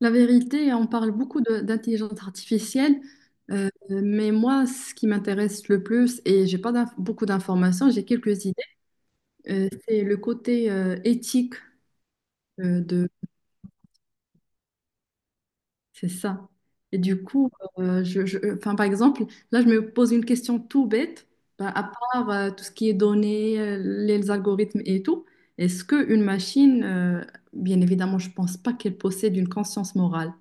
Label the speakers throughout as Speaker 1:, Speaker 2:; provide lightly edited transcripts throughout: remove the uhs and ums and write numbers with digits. Speaker 1: La vérité, on parle beaucoup d'intelligence artificielle, mais moi, ce qui m'intéresse le plus, et j'ai pas beaucoup d'informations, j'ai quelques idées, c'est le côté éthique euh, de, c'est ça. Et du coup, enfin, par exemple, là, je me pose une question tout bête. Bah, à part tout ce qui est données, les algorithmes et tout, est-ce qu'une machine, bien évidemment, je pense pas qu'elle possède une conscience morale.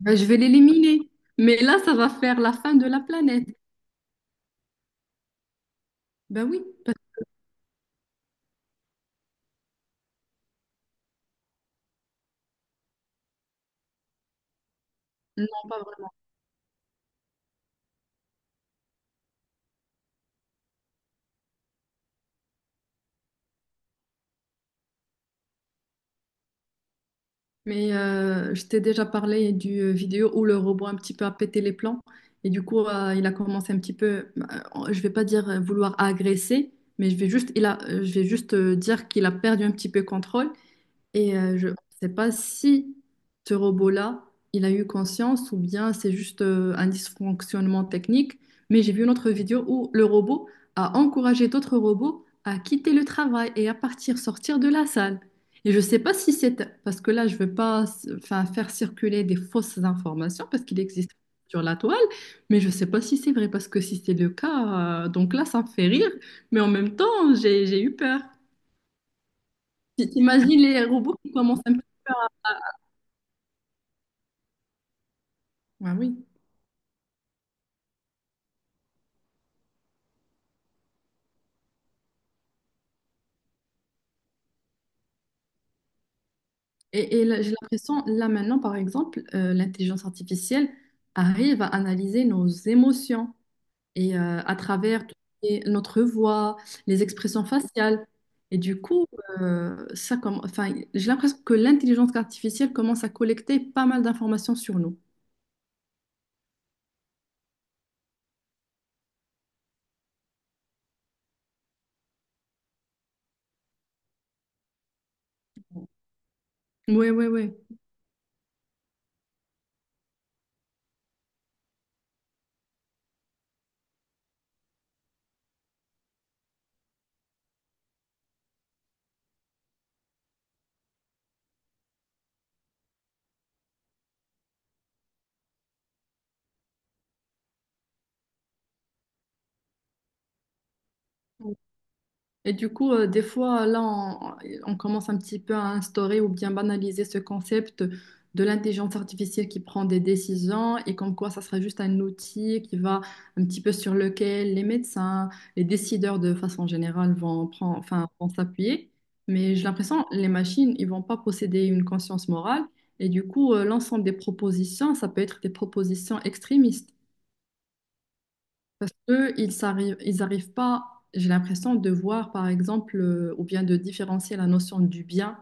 Speaker 1: Ben, je vais l'éliminer. Mais là, ça va faire la fin de la planète. Ben oui. Non, pas vraiment. Mais je t'ai déjà parlé du vidéo où le robot un petit peu a pété les plombs. Et du coup, il a commencé un petit peu, je vais pas dire vouloir agresser, mais je vais juste, il a, je vais juste dire qu'il a perdu un petit peu contrôle. Et je ne sais pas si ce robot-là, il a eu conscience ou bien c'est juste un dysfonctionnement technique, mais j'ai vu une autre vidéo où le robot a encouragé d'autres robots à quitter le travail et à partir, sortir de la salle. Et je ne sais pas si c'est... Parce que là, je ne veux pas enfin, faire circuler des fausses informations parce qu'il existe sur la toile, mais je ne sais pas si c'est vrai parce que si c'est le cas, donc là, ça me fait rire, mais en même temps, j'ai eu peur. T'imagines les robots qui commencent à... Ah oui. Et là, j'ai l'impression, là maintenant, par exemple, l'intelligence artificielle arrive à analyser nos émotions et à travers tout ce qui est notre voix, les expressions faciales. Et du coup, ça comme, enfin, j'ai l'impression que l'intelligence artificielle commence à collecter pas mal d'informations sur nous. Oui, oui, oui. Et du coup, des fois, là, on commence un petit peu à instaurer ou bien banaliser ce concept de l'intelligence artificielle qui prend des décisions et comme quoi ça sera juste un outil qui va un petit peu sur lequel les médecins, les décideurs de façon générale vont prendre, enfin, vont s'appuyer. Mais j'ai l'impression les machines, ils vont pas posséder une conscience morale et du coup, l'ensemble des propositions, ça peut être des propositions extrémistes. Parce qu'eux, ils arrivent pas, j'ai l'impression, de voir, par exemple, ou bien de différencier la notion du bien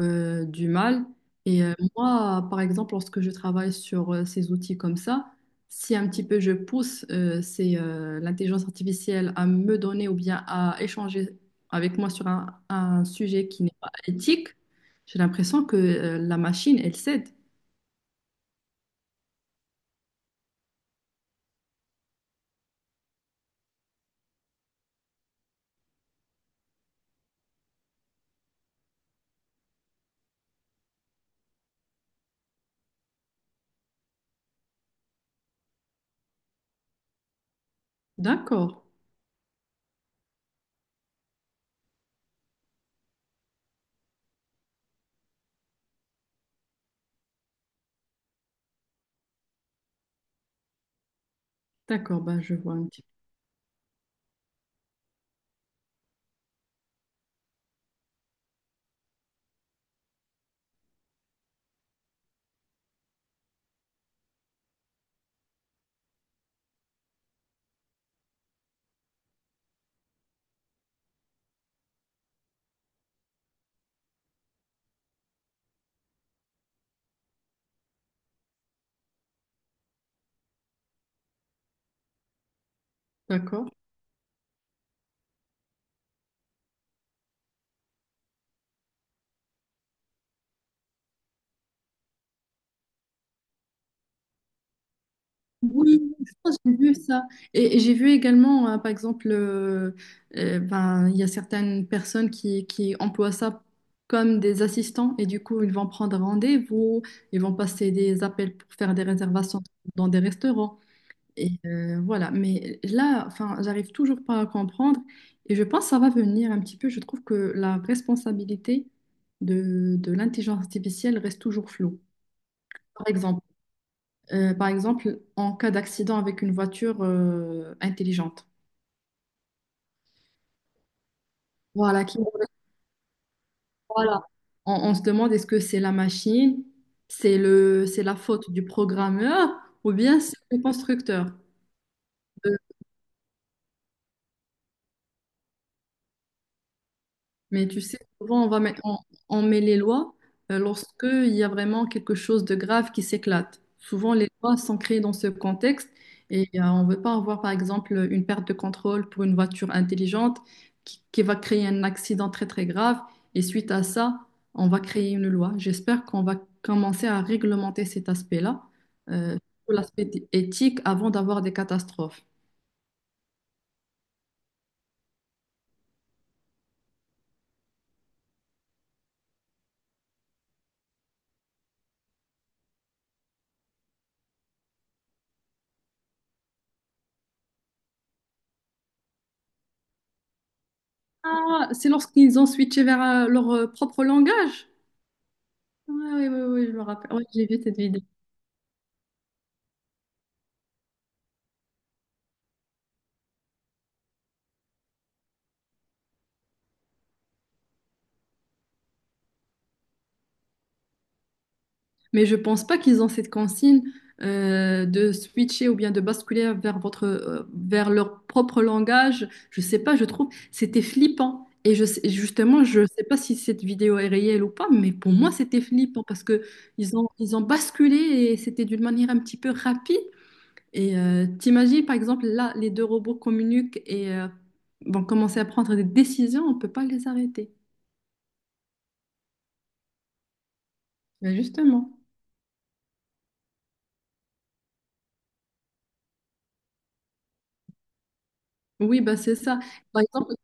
Speaker 1: du mal. Et moi, par exemple, lorsque je travaille sur ces outils comme ça, si un petit peu je pousse l'intelligence artificielle à me donner ou bien à échanger avec moi sur un sujet qui n'est pas éthique, j'ai l'impression que la machine, elle cède. D'accord, d'accord, bah, je vois un petit peu. D'accord. Oui, je pense que j'ai vu ça. Et j'ai vu également, par exemple, ben, il y a certaines personnes qui emploient ça comme des assistants et du coup, ils vont prendre rendez-vous, ils vont passer des appels pour faire des réservations dans des restaurants. Et voilà, mais là, enfin, j'arrive toujours pas à comprendre et je pense que ça va venir un petit peu. Je trouve que la responsabilité de l'intelligence artificielle reste toujours floue. Par exemple, par exemple, en cas d'accident avec une voiture intelligente. Voilà, qui, voilà. On se demande est-ce que c'est la machine, c'est le, c'est la faute du programmeur ou bien c'est le constructeur. Euh, Mais tu sais, souvent, on met les lois lorsque il y a vraiment quelque chose de grave qui s'éclate. Souvent, les lois sont créées dans ce contexte et on ne veut pas avoir, par exemple, une perte de contrôle pour une voiture intelligente qui va créer un accident très, très grave. Et suite à ça, on va créer une loi. J'espère qu'on va commencer à réglementer cet aspect-là, surtout l'aspect éthique, avant d'avoir des catastrophes. Ah, c'est lorsqu'ils ont switché vers leur propre langage. Ouais, ouais, ouais, ouais, je me rappelle. Ouais, j'ai vu cette vidéo. Mais je pense pas qu'ils ont cette consigne de switcher ou bien de basculer vers votre, vers leur propre langage. Je sais pas, je trouve c'était flippant. Et je sais- justement, je sais pas si cette vidéo est réelle ou pas, mais pour moi, c'était flippant parce que ils ont basculé et c'était d'une manière un petit peu rapide. Et t'imagines, par exemple, là, les deux robots communiquent et vont commencer à prendre des décisions, on peut pas les arrêter. Mais justement. Oui, bah c'est ça. Par exemple,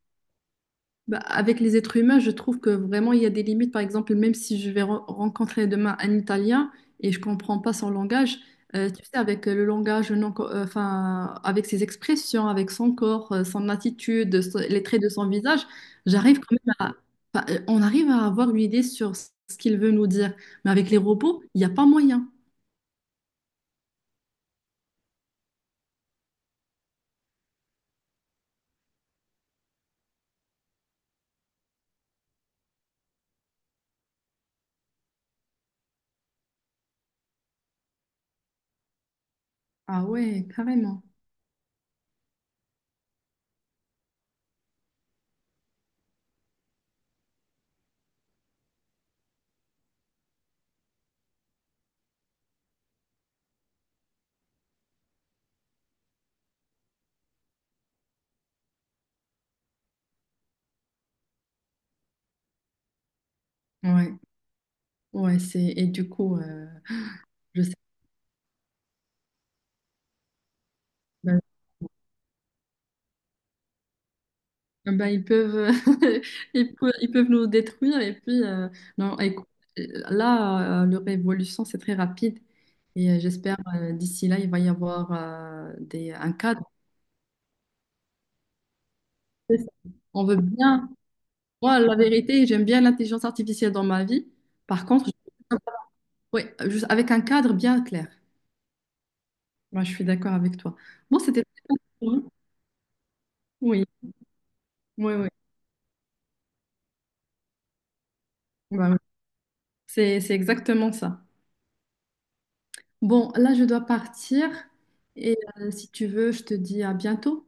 Speaker 1: bah, avec les êtres humains, je trouve que vraiment il y a des limites. Par exemple, même si je vais re- rencontrer demain un Italien et je comprends pas son langage, tu sais, avec le langage, non, enfin, avec ses expressions, avec son corps, son attitude, les traits de son visage, j'arrive quand même à, enfin, on arrive à avoir une idée sur ce qu'il veut nous dire. Mais avec les robots, il n'y a pas moyen. Ah ouais, carrément. Ouais, ouais, c'est et du coup, je sais. Ah bah, ils peuvent, ils peuvent nous détruire. Et puis, non, écoute, là, leur évolution, c'est très rapide. Et j'espère, d'ici là, il va y avoir un cadre. On veut bien. Moi, la vérité, j'aime bien l'intelligence artificielle dans ma vie. Par contre, je- ouais, juste avec un cadre bien clair. Moi, je suis d'accord avec toi. Bon, c'était. Oui, oui, oui. Bah oui. C'est exactement ça. Bon, là, je dois partir. Et si tu veux, je te dis à bientôt.